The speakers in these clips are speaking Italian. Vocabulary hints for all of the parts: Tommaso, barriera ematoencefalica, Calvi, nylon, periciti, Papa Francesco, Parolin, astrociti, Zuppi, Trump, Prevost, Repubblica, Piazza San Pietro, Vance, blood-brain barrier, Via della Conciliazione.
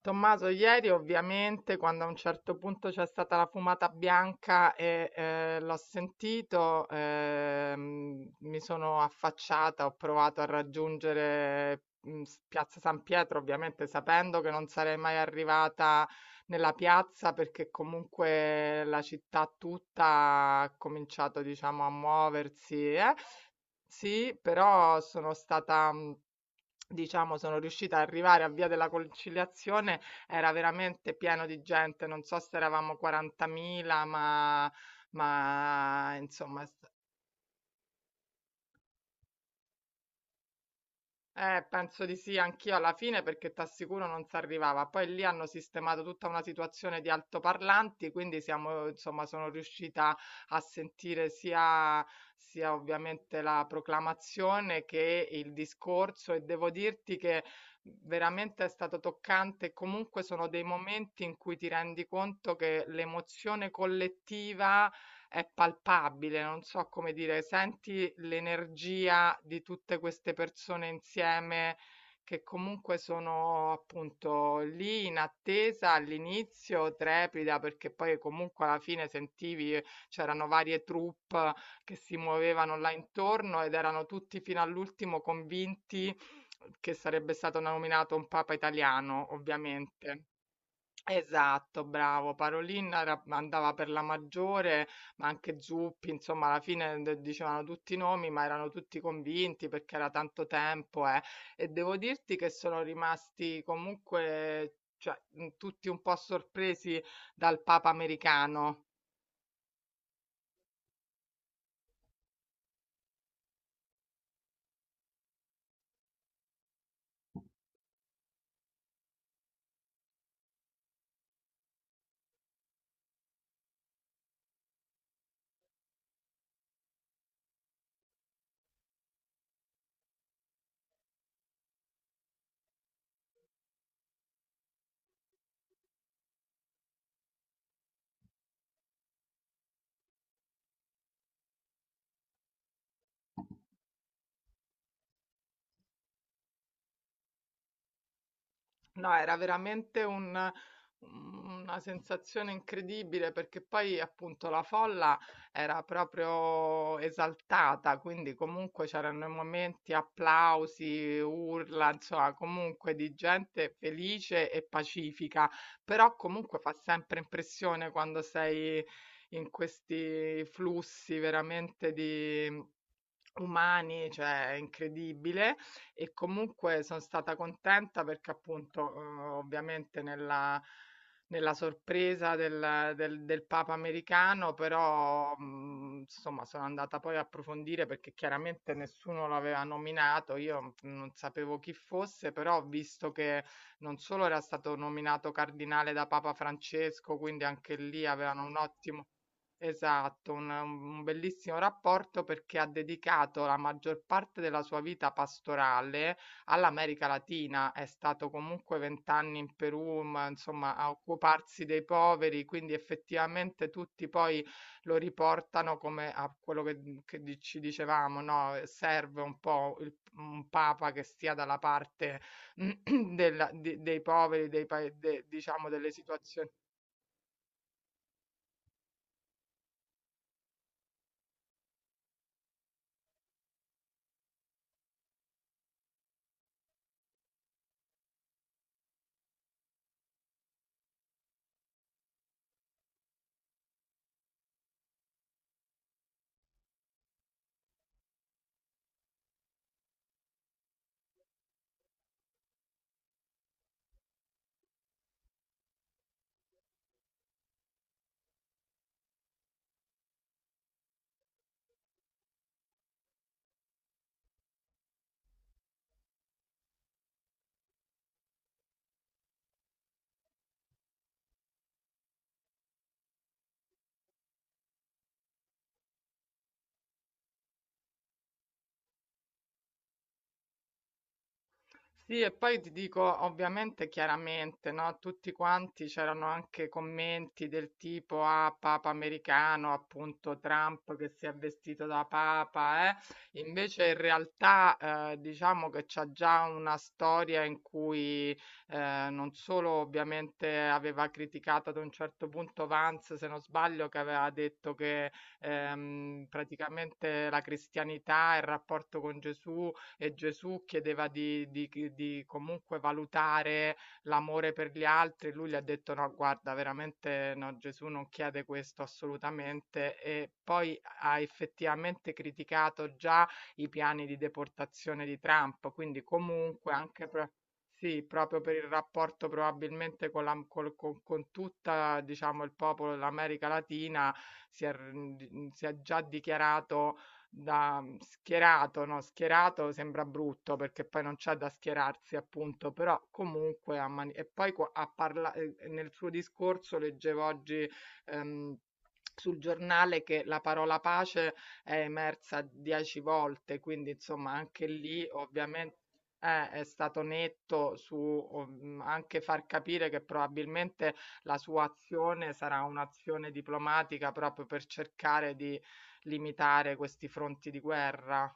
Tommaso, ieri ovviamente quando a un certo punto c'è stata la fumata bianca e l'ho sentito, mi sono affacciata, ho provato a raggiungere Piazza San Pietro, ovviamente sapendo che non sarei mai arrivata nella piazza perché comunque la città tutta ha cominciato, diciamo, a muoversi, eh. Sì, però sono stata, diciamo sono riuscita a arrivare a Via della Conciliazione, era veramente pieno di gente, non so se eravamo 40.000 ma insomma s penso di sì, anch'io alla fine perché t'assicuro non si arrivava. Poi lì hanno sistemato tutta una situazione di altoparlanti, quindi siamo, insomma, sono riuscita a sentire sia ovviamente la proclamazione che il discorso e devo dirti che veramente è stato toccante. Comunque sono dei momenti in cui ti rendi conto che l'emozione collettiva è palpabile, non so come dire, senti l'energia di tutte queste persone insieme che comunque sono appunto lì in attesa all'inizio, trepida, perché poi comunque alla fine sentivi c'erano varie troupe che si muovevano là intorno ed erano tutti fino all'ultimo convinti che sarebbe stato nominato un papa italiano, ovviamente. Esatto, bravo. Parolin era andava per la maggiore, ma anche Zuppi, insomma alla fine de dicevano tutti i nomi, ma erano tutti convinti perché era tanto tempo, eh. E devo dirti che sono rimasti comunque, cioè, tutti un po' sorpresi dal Papa americano. No, era veramente una sensazione incredibile perché poi appunto la folla era proprio esaltata, quindi comunque c'erano i momenti, applausi, urla, insomma, comunque di gente felice e pacifica, però comunque fa sempre impressione quando sei in questi flussi veramente di umani, cioè è incredibile e comunque son stata contenta perché appunto, ovviamente nella sorpresa del Papa americano, però, insomma sono andata poi a approfondire perché chiaramente nessuno lo aveva nominato, io non sapevo chi fosse, però ho visto che non solo era stato nominato cardinale da Papa Francesco, quindi anche lì avevano un ottimo. Esatto, un bellissimo rapporto perché ha dedicato la maggior parte della sua vita pastorale all'America Latina. È stato comunque 20 anni in Perù, ma, insomma, a occuparsi dei poveri, quindi effettivamente tutti poi lo riportano come a quello che, ci dicevamo, no? Serve un po' un papa che stia dalla parte dei poveri, diciamo, delle situazioni. Sì, e poi ti dico, ovviamente, chiaramente, no, tutti quanti c'erano anche commenti del tipo ah, Papa americano, appunto Trump che si è vestito da Papa, eh. Invece in realtà diciamo che c'è già una storia in cui non solo ovviamente aveva criticato ad un certo punto Vance, se non sbaglio, che aveva detto che praticamente la cristianità e il rapporto con Gesù e Gesù chiedeva di comunque valutare l'amore per gli altri, lui gli ha detto no, guarda, veramente no, Gesù non chiede questo assolutamente e poi ha effettivamente criticato già i piani di deportazione di Trump, quindi comunque sì, proprio per il rapporto probabilmente con, la, col- con tutta, diciamo, il popolo dell'America Latina si è, si è già dichiarato da schierato, no, schierato sembra brutto perché poi non c'è da schierarsi, appunto, però comunque a mani- e poi qua- a parla- nel suo discorso leggevo oggi ehm, sul giornale che la parola pace è emersa 10 volte, quindi insomma anche lì ovviamente è stato netto su anche far capire che probabilmente la sua azione sarà un'azione diplomatica proprio per cercare di limitare questi fronti di guerra.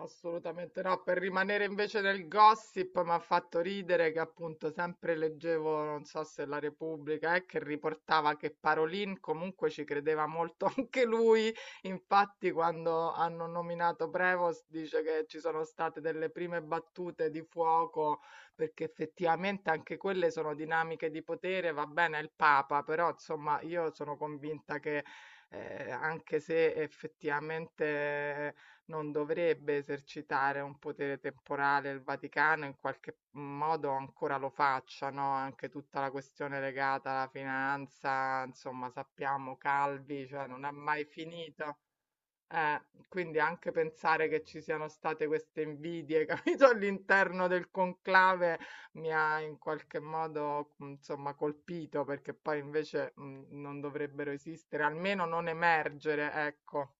Assolutamente no, per rimanere invece nel gossip mi ha fatto ridere che appunto sempre leggevo, non so se la Repubblica, che riportava che Parolin comunque ci credeva molto anche lui, infatti quando hanno nominato Prevost dice che ci sono state delle prime battute di fuoco, perché effettivamente anche quelle sono dinamiche di potere, va bene è il Papa, però insomma io sono convinta che anche se effettivamente non dovrebbe esercitare un potere temporale il Vaticano, in qualche modo ancora lo faccia, no, anche tutta la questione legata alla finanza, insomma, sappiamo Calvi, cioè non ha mai finito. Eh, quindi anche pensare che ci siano state queste invidie, capito, all'interno del conclave mi ha in qualche modo, insomma, colpito perché poi invece non dovrebbero esistere, almeno non emergere, ecco.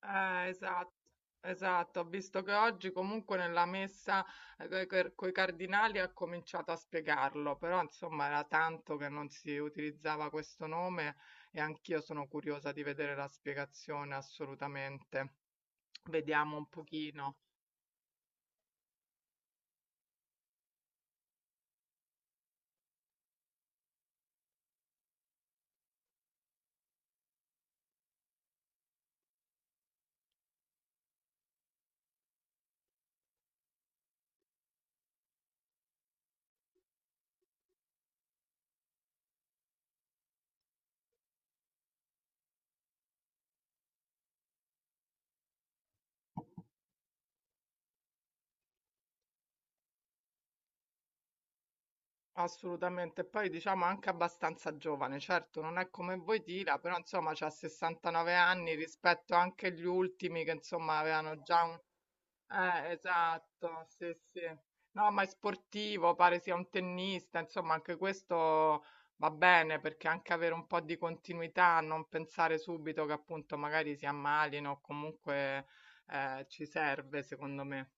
Esatto, esatto, ho visto che oggi comunque nella messa con i cardinali ha cominciato a spiegarlo, però insomma era tanto che non si utilizzava questo nome e anch'io sono curiosa di vedere la spiegazione assolutamente. Vediamo un pochino. Assolutamente, poi diciamo anche abbastanza giovane, certo non è come voi Tira, però insomma c'ha 69 anni rispetto anche agli ultimi che insomma avevano già un. Esatto, sì, sì. No, ma è sportivo, pare sia un tennista, insomma, anche questo va bene perché anche avere un po' di continuità, non pensare subito che appunto magari si ammalino o comunque ci serve, secondo me.